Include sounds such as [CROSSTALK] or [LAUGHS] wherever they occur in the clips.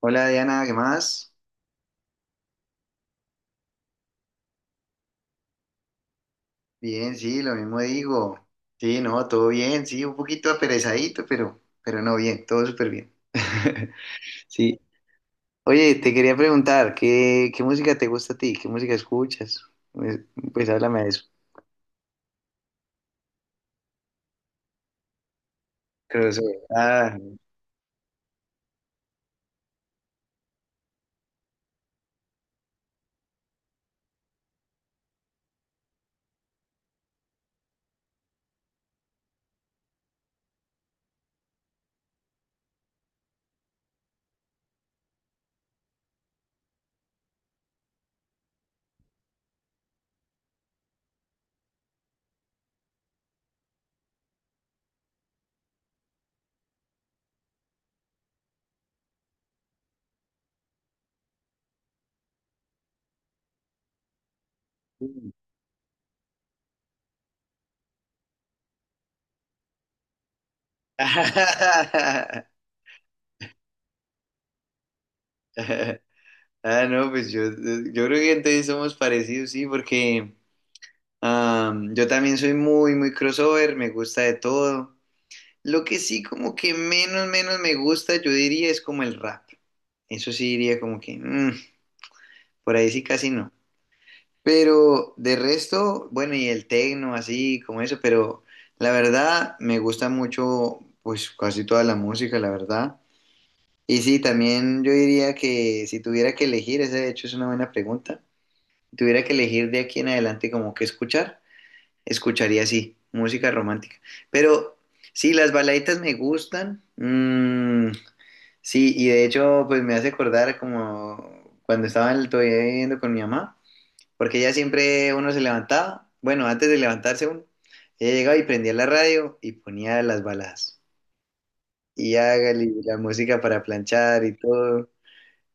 Hola Diana, ¿qué más? Bien, sí, lo mismo digo. Sí, no, todo bien, sí, un poquito aperezadito, pero no bien, todo súper bien. [LAUGHS] Sí. Oye, te quería preguntar, ¿qué música te gusta a ti? ¿Qué música escuchas? Pues, pues háblame de eso. Crossover. Ah. Sí. [LAUGHS] Ah, no, yo creo que entonces somos parecidos, sí, porque yo también soy muy crossover, me gusta de todo. Lo que sí como que menos me gusta, yo diría, es como el rap. Eso sí diría como que, por ahí sí casi no. Pero de resto, bueno, y el tecno, así como eso, pero la verdad me gusta mucho, pues casi toda la música, la verdad. Y sí, también yo diría que si tuviera que elegir, ese de hecho es una buena pregunta, si tuviera que elegir de aquí en adelante como que escuchar, escucharía sí, música romántica. Pero sí, las baladitas me gustan. Mm. Sí, y de hecho, pues me hace acordar como cuando todavía viviendo con mi mamá, porque ella siempre uno se levantaba, bueno, antes de levantarse uno, ella llegaba y prendía la radio y ponía las baladas. Y hágale la música para planchar y todo,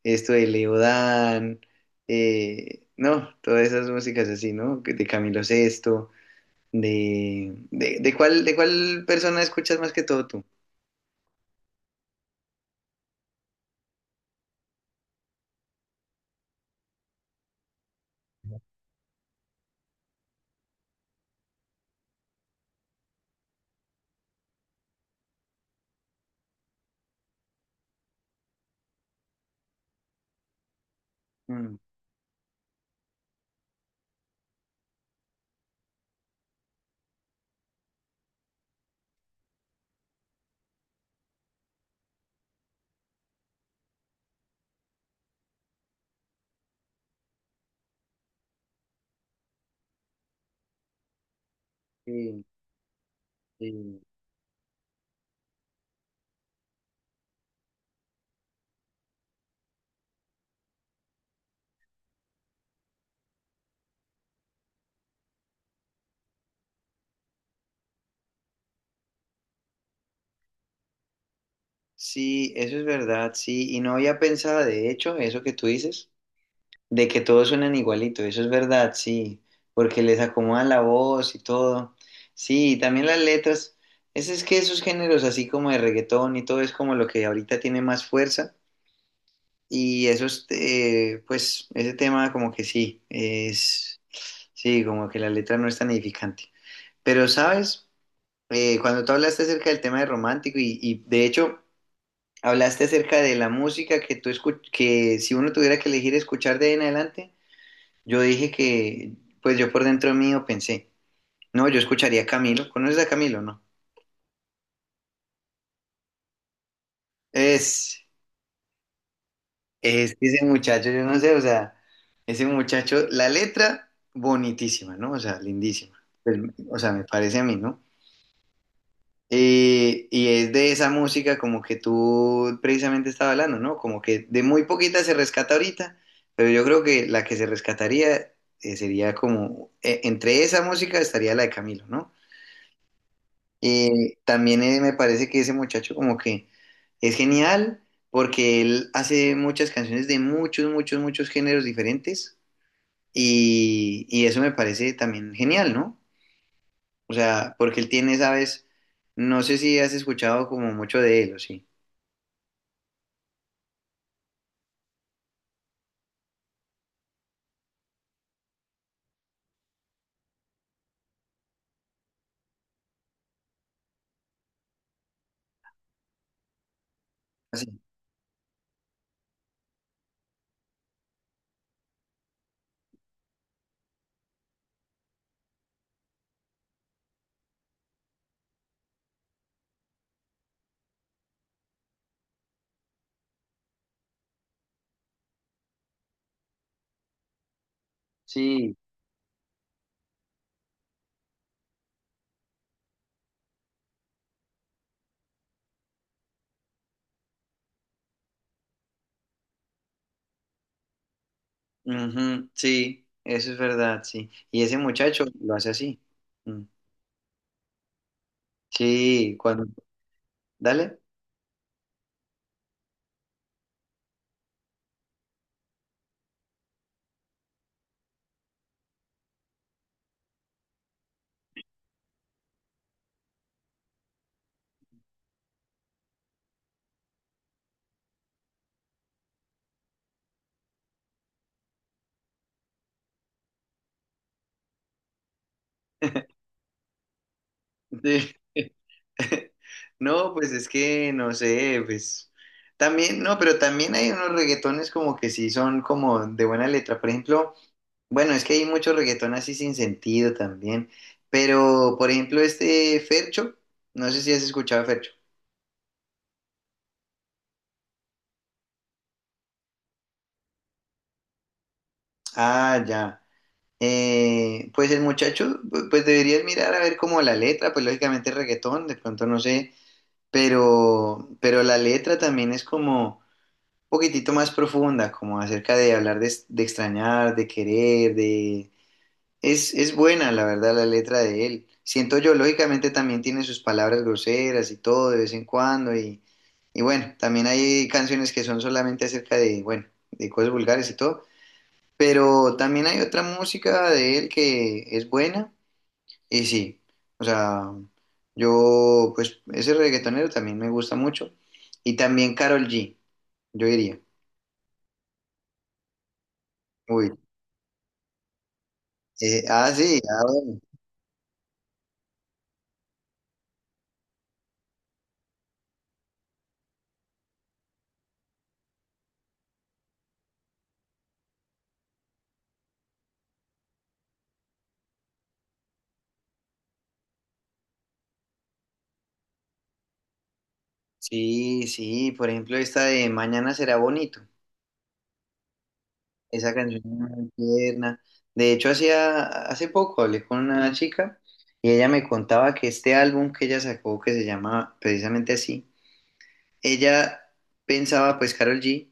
esto de Leodán, no, todas esas músicas así, ¿no? Que de Camilo Sesto, de cuál persona escuchas más que todo tú. Mm, sí, sí. Sí, eso es verdad, sí, y no había pensado, de hecho, eso que tú dices, de que todos suenan igualito, eso es verdad, sí, porque les acomodan la voz y todo, sí, y también las letras, es que esos géneros así como de reggaetón y todo es como lo que ahorita tiene más fuerza, y esos, pues, ese tema como que sí, es, sí, como que la letra no es tan edificante, pero sabes, cuando tú hablaste acerca del tema de romántico y de hecho. Hablaste acerca de la música que tú que si uno tuviera que elegir escuchar de ahí en adelante, yo dije que, pues yo por dentro mío pensé, no, yo escucharía a Camilo. ¿Conoces a Camilo, no? Es, es que ese muchacho, yo no sé, o sea, ese muchacho, la letra bonitísima, ¿no? O sea, lindísima. Pues, o sea, me parece a mí, ¿no? Y es de esa música como que tú precisamente estaba hablando, ¿no? Como que de muy poquita se rescata ahorita, pero yo creo que la que se rescataría sería como, entre esa música estaría la de Camilo, ¿no? También me parece que ese muchacho como que es genial porque él hace muchas canciones de muchos géneros diferentes y eso me parece también genial, ¿no? O sea, porque él tiene, ¿sabes? No sé si has escuchado como mucho de él o sí. Sí, sí, ujú, sí, eso es verdad, sí. Y ese muchacho lo hace así. Mm. Sí, cuando. Dale. Sí. [LAUGHS] No, pues es que no sé, pues también, no, pero también hay unos reggaetones como que sí son como de buena letra. Por ejemplo, bueno, es que hay muchos reggaetón así sin sentido también. Pero, por ejemplo, este Fercho, no sé si has escuchado a Fercho. Ah, ya. Pues el muchacho, pues deberías mirar a ver como la letra, pues lógicamente es reggaetón, de pronto no sé, pero la letra también es como un poquitito más profunda, como acerca de hablar de extrañar, de querer, de. Es buena, la verdad, la letra de él. Siento yo, lógicamente también tiene sus palabras groseras y todo de vez en cuando, y bueno, también hay canciones que son solamente acerca de, bueno, de cosas vulgares y todo, pero también hay otra música de él que es buena y sí, o sea, yo pues ese reggaetonero también me gusta mucho y también Karol G, yo diría. Uy, ah sí, ah, bueno. Sí, sí, por ejemplo esta de Mañana será bonito, esa canción es muy tierna. De hecho hacía hace poco hablé con una chica y ella me contaba que este álbum que ella sacó que se llama precisamente así, ella pensaba pues Karol G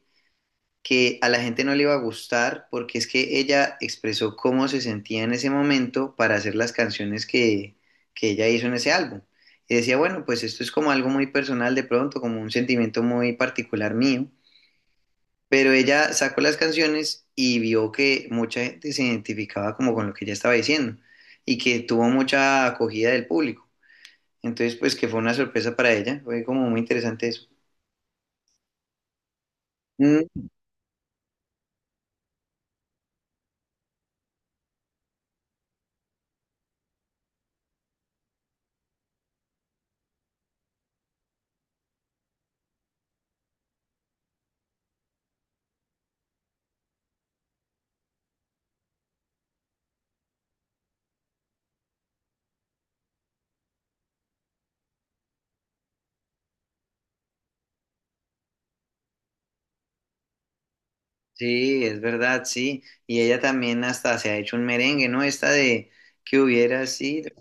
que a la gente no le iba a gustar porque es que ella expresó cómo se sentía en ese momento para hacer las canciones que ella hizo en ese álbum. Y decía, bueno, pues esto es como algo muy personal de pronto, como un sentimiento muy particular mío. Pero ella sacó las canciones y vio que mucha gente se identificaba como con lo que ella estaba diciendo y que tuvo mucha acogida del público. Entonces, pues que fue una sorpresa para ella, fue como muy interesante eso. Mm. Sí, es verdad, sí. Y ella también hasta se ha hecho un merengue, ¿no? Esta de que hubiera sido.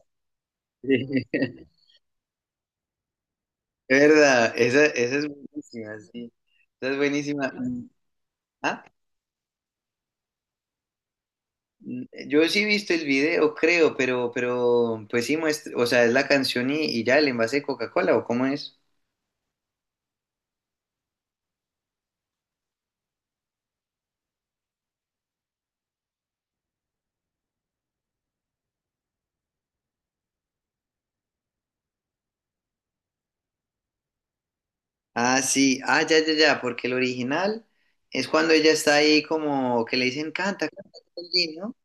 [LAUGHS] Sí. Es verdad, esa es buenísima, sí. Esa es buenísima. Mm. Ah, mm, yo sí he visto el video, creo, pues sí muestra, o sea, es la canción y ya el envase de Coca-Cola, ¿o cómo es? Ah, sí, ah, ya, ya, ya, porque el original es cuando ella está ahí como que le dicen, canta, canta, Medellín", ¿no?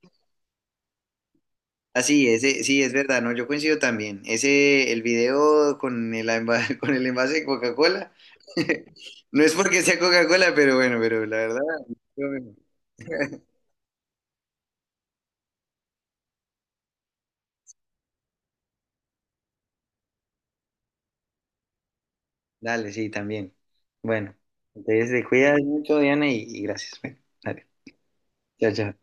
Así, ese, sí, es verdad, no, yo coincido también. Ese, el video con el, [LAUGHS] con el envase de Coca-Cola, [LAUGHS] no es porque sea Coca-Cola, pero bueno, pero la verdad, yo. Dale, sí, también. Bueno, entonces te cuidas mucho, Diana, y gracias. Bueno, dale, chao, chao.